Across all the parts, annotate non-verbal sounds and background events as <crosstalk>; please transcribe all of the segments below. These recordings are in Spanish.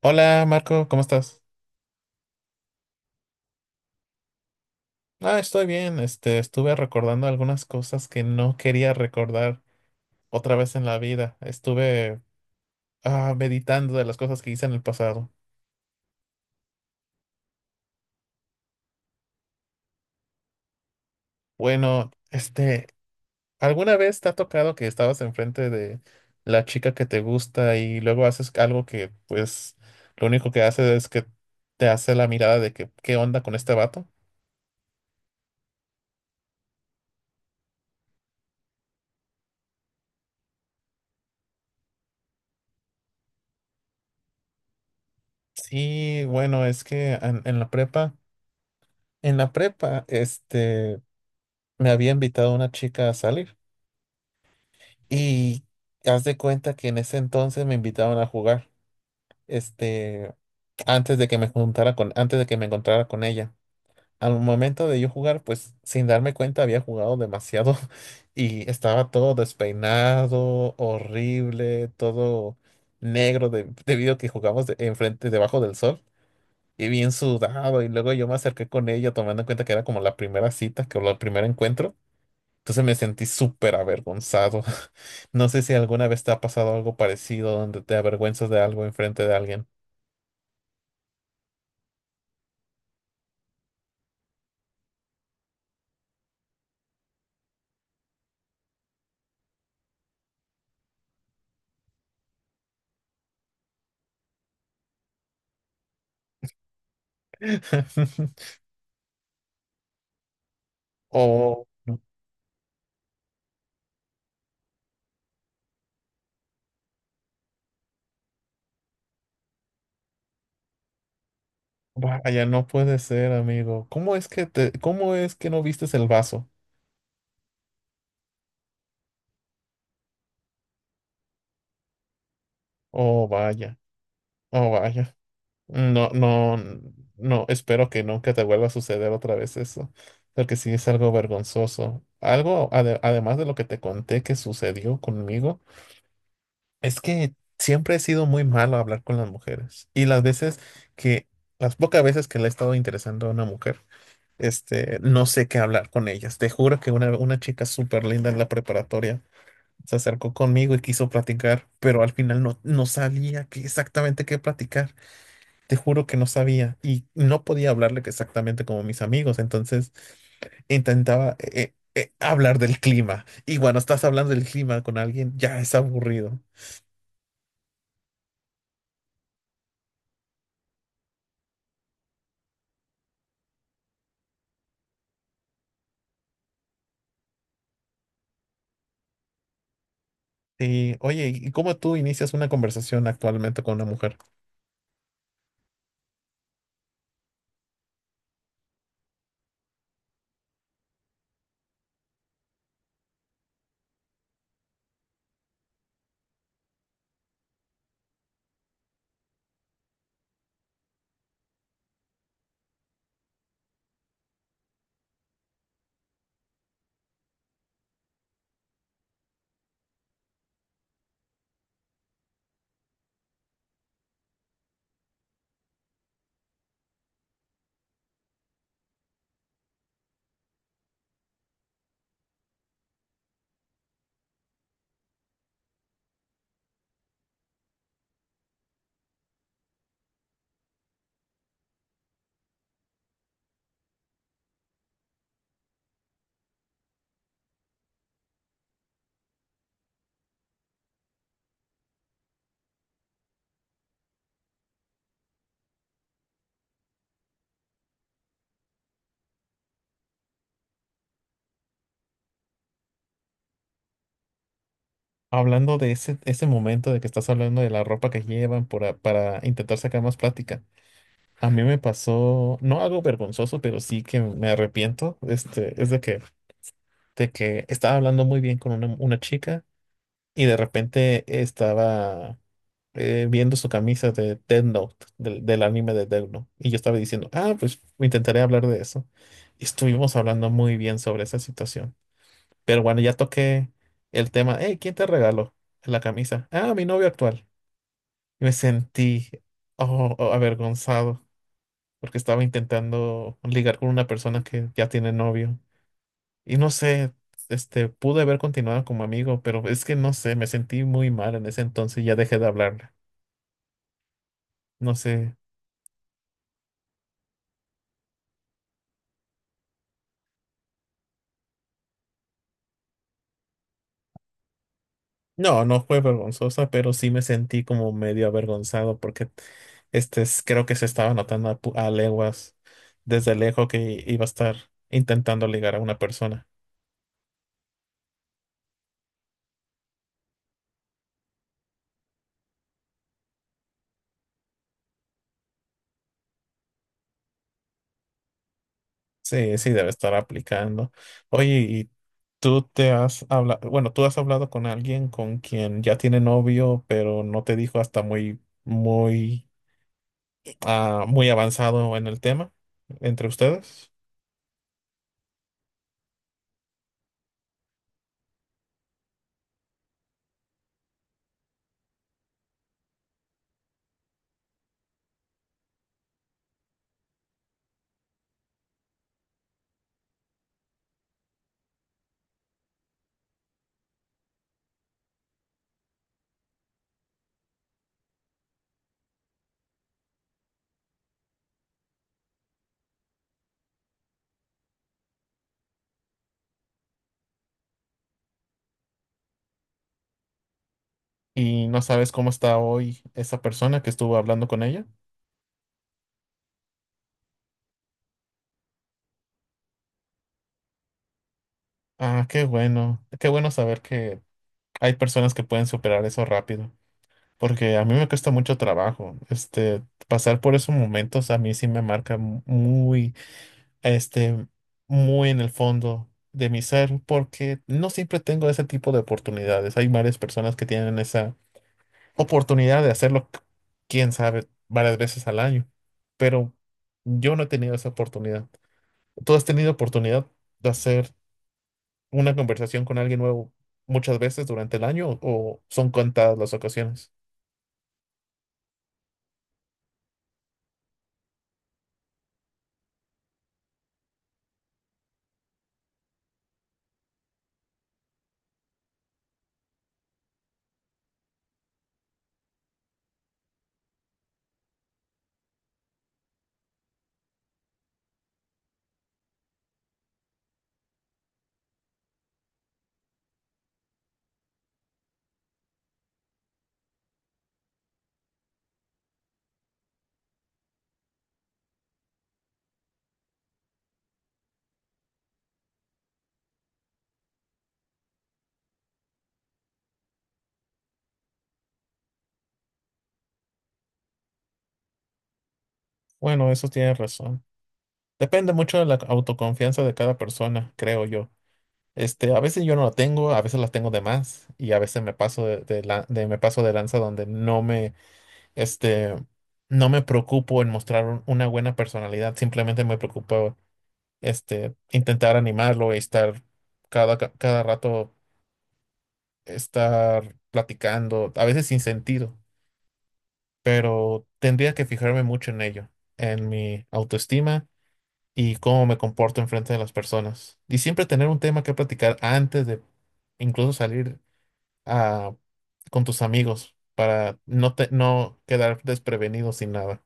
Hola Marco, ¿cómo estás? Ah, estoy bien. Estuve recordando algunas cosas que no quería recordar otra vez en la vida. Estuve meditando de las cosas que hice en el pasado. Bueno, ¿alguna vez te ha tocado que estabas enfrente de la chica que te gusta y luego haces algo que, pues, lo único que hace es que te hace la mirada de que, ¿qué onda con este vato? Sí, bueno, es que en la prepa, en la prepa, me había invitado una chica a salir y haz de cuenta que en ese entonces me invitaban a jugar, este, antes de que me juntara con, antes de que me encontrara con ella. Al momento de yo jugar, pues sin darme cuenta había jugado demasiado <laughs> y estaba todo despeinado, horrible, todo negro debido a que jugamos enfrente, debajo del sol y bien sudado. Y luego yo me acerqué con ella tomando en cuenta que era como la primera cita, que o el primer encuentro. Entonces me sentí súper avergonzado. <laughs> No sé si alguna vez te ha pasado algo parecido donde te avergüenzas de algo enfrente de alguien. <laughs> O vaya, no puede ser, amigo. ¿Cómo es que te, cómo es que no vistes el vaso? Oh, vaya, oh, vaya. No, no, no, espero que nunca te vuelva a suceder otra vez eso, porque sí es algo vergonzoso. Algo, además de lo que te conté que sucedió conmigo. Es que siempre he sido muy malo a hablar con las mujeres. Y las veces que, las pocas veces que le he estado interesando a una mujer, no sé qué hablar con ellas. Te juro que una chica súper linda en la preparatoria se acercó conmigo y quiso platicar, pero al final no, no sabía exactamente qué platicar. Te juro que no sabía y no podía hablarle que exactamente como mis amigos. Entonces intentaba hablar del clima. Y cuando estás hablando del clima con alguien, ya es aburrido. Sí, oye, ¿y cómo tú inicias una conversación actualmente con una mujer? Hablando de ese, ese momento de que estás hablando de la ropa que llevan para intentar sacar más plática. A mí me pasó, no algo vergonzoso, pero sí que me arrepiento, es de que estaba hablando muy bien con una chica y de repente estaba viendo su camisa de Death Note, del, del anime de Death Note, y yo estaba diciendo, ah, pues intentaré hablar de eso. Y estuvimos hablando muy bien sobre esa situación. Pero bueno, ya toqué el tema. Hey, ¿quién te regaló la camisa? Ah, mi novio actual. Y me sentí oh, oh, avergonzado porque estaba intentando ligar con una persona que ya tiene novio. Y no sé, pude haber continuado como amigo, pero es que no sé, me sentí muy mal en ese entonces y ya dejé de hablarle. No sé. No, no fue vergonzosa, pero sí me sentí como medio avergonzado porque creo que se estaba notando a, a leguas desde lejos que iba a estar intentando ligar a una persona. Sí, sí, debe estar aplicando. Oye, ¿y tú te has hablado, bueno, tú has hablado con alguien con quien ya tiene novio, pero no te dijo hasta muy, muy, muy avanzado en el tema entre ustedes? ¿Y no sabes cómo está hoy esa persona que estuvo hablando con ella? Ah, qué bueno. Qué bueno saber que hay personas que pueden superar eso rápido, porque a mí me cuesta mucho trabajo. Pasar por esos momentos a mí sí me marca muy, este, muy en el fondo de mi ser, porque no siempre tengo ese tipo de oportunidades. Hay varias personas que tienen esa oportunidad de hacerlo, quién sabe, varias veces al año, pero yo no he tenido esa oportunidad. ¿Tú has tenido oportunidad de hacer? Una conversación con alguien nuevo muchas veces durante el año o son contadas las ocasiones? Bueno, eso tiene razón. Depende mucho de la autoconfianza de cada persona, creo yo. A veces yo no la tengo, a veces la tengo de más y a veces me paso de, me paso de lanza donde no me, este, no me preocupo en mostrar una buena personalidad, simplemente me preocupo, intentar animarlo y estar cada, cada rato estar platicando, a veces sin sentido. Pero tendría que fijarme mucho en ello, en mi autoestima y cómo me comporto enfrente de las personas. Y siempre tener un tema que platicar antes de incluso salir a, con tus amigos para no, no quedar desprevenido sin nada.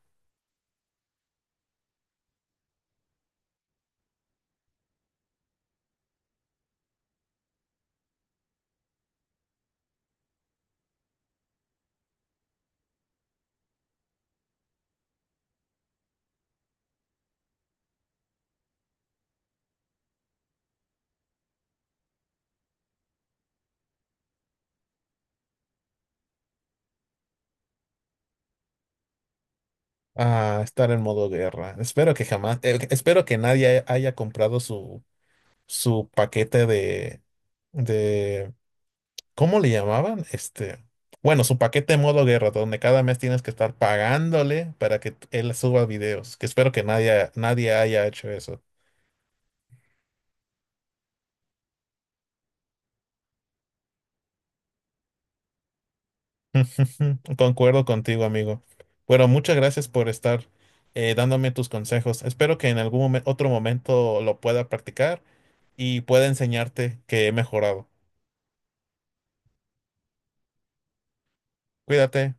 A estar en modo guerra. Espero que jamás, espero que nadie haya comprado su, su paquete de ¿Cómo le llamaban? Bueno, su paquete modo guerra, donde cada mes tienes que estar pagándole para que él suba videos, que espero que nadie, nadie haya hecho eso. <laughs> Concuerdo contigo, amigo. Bueno, muchas gracias por estar dándome tus consejos. Espero que en algún otro momento lo pueda practicar y pueda enseñarte que he mejorado. Cuídate.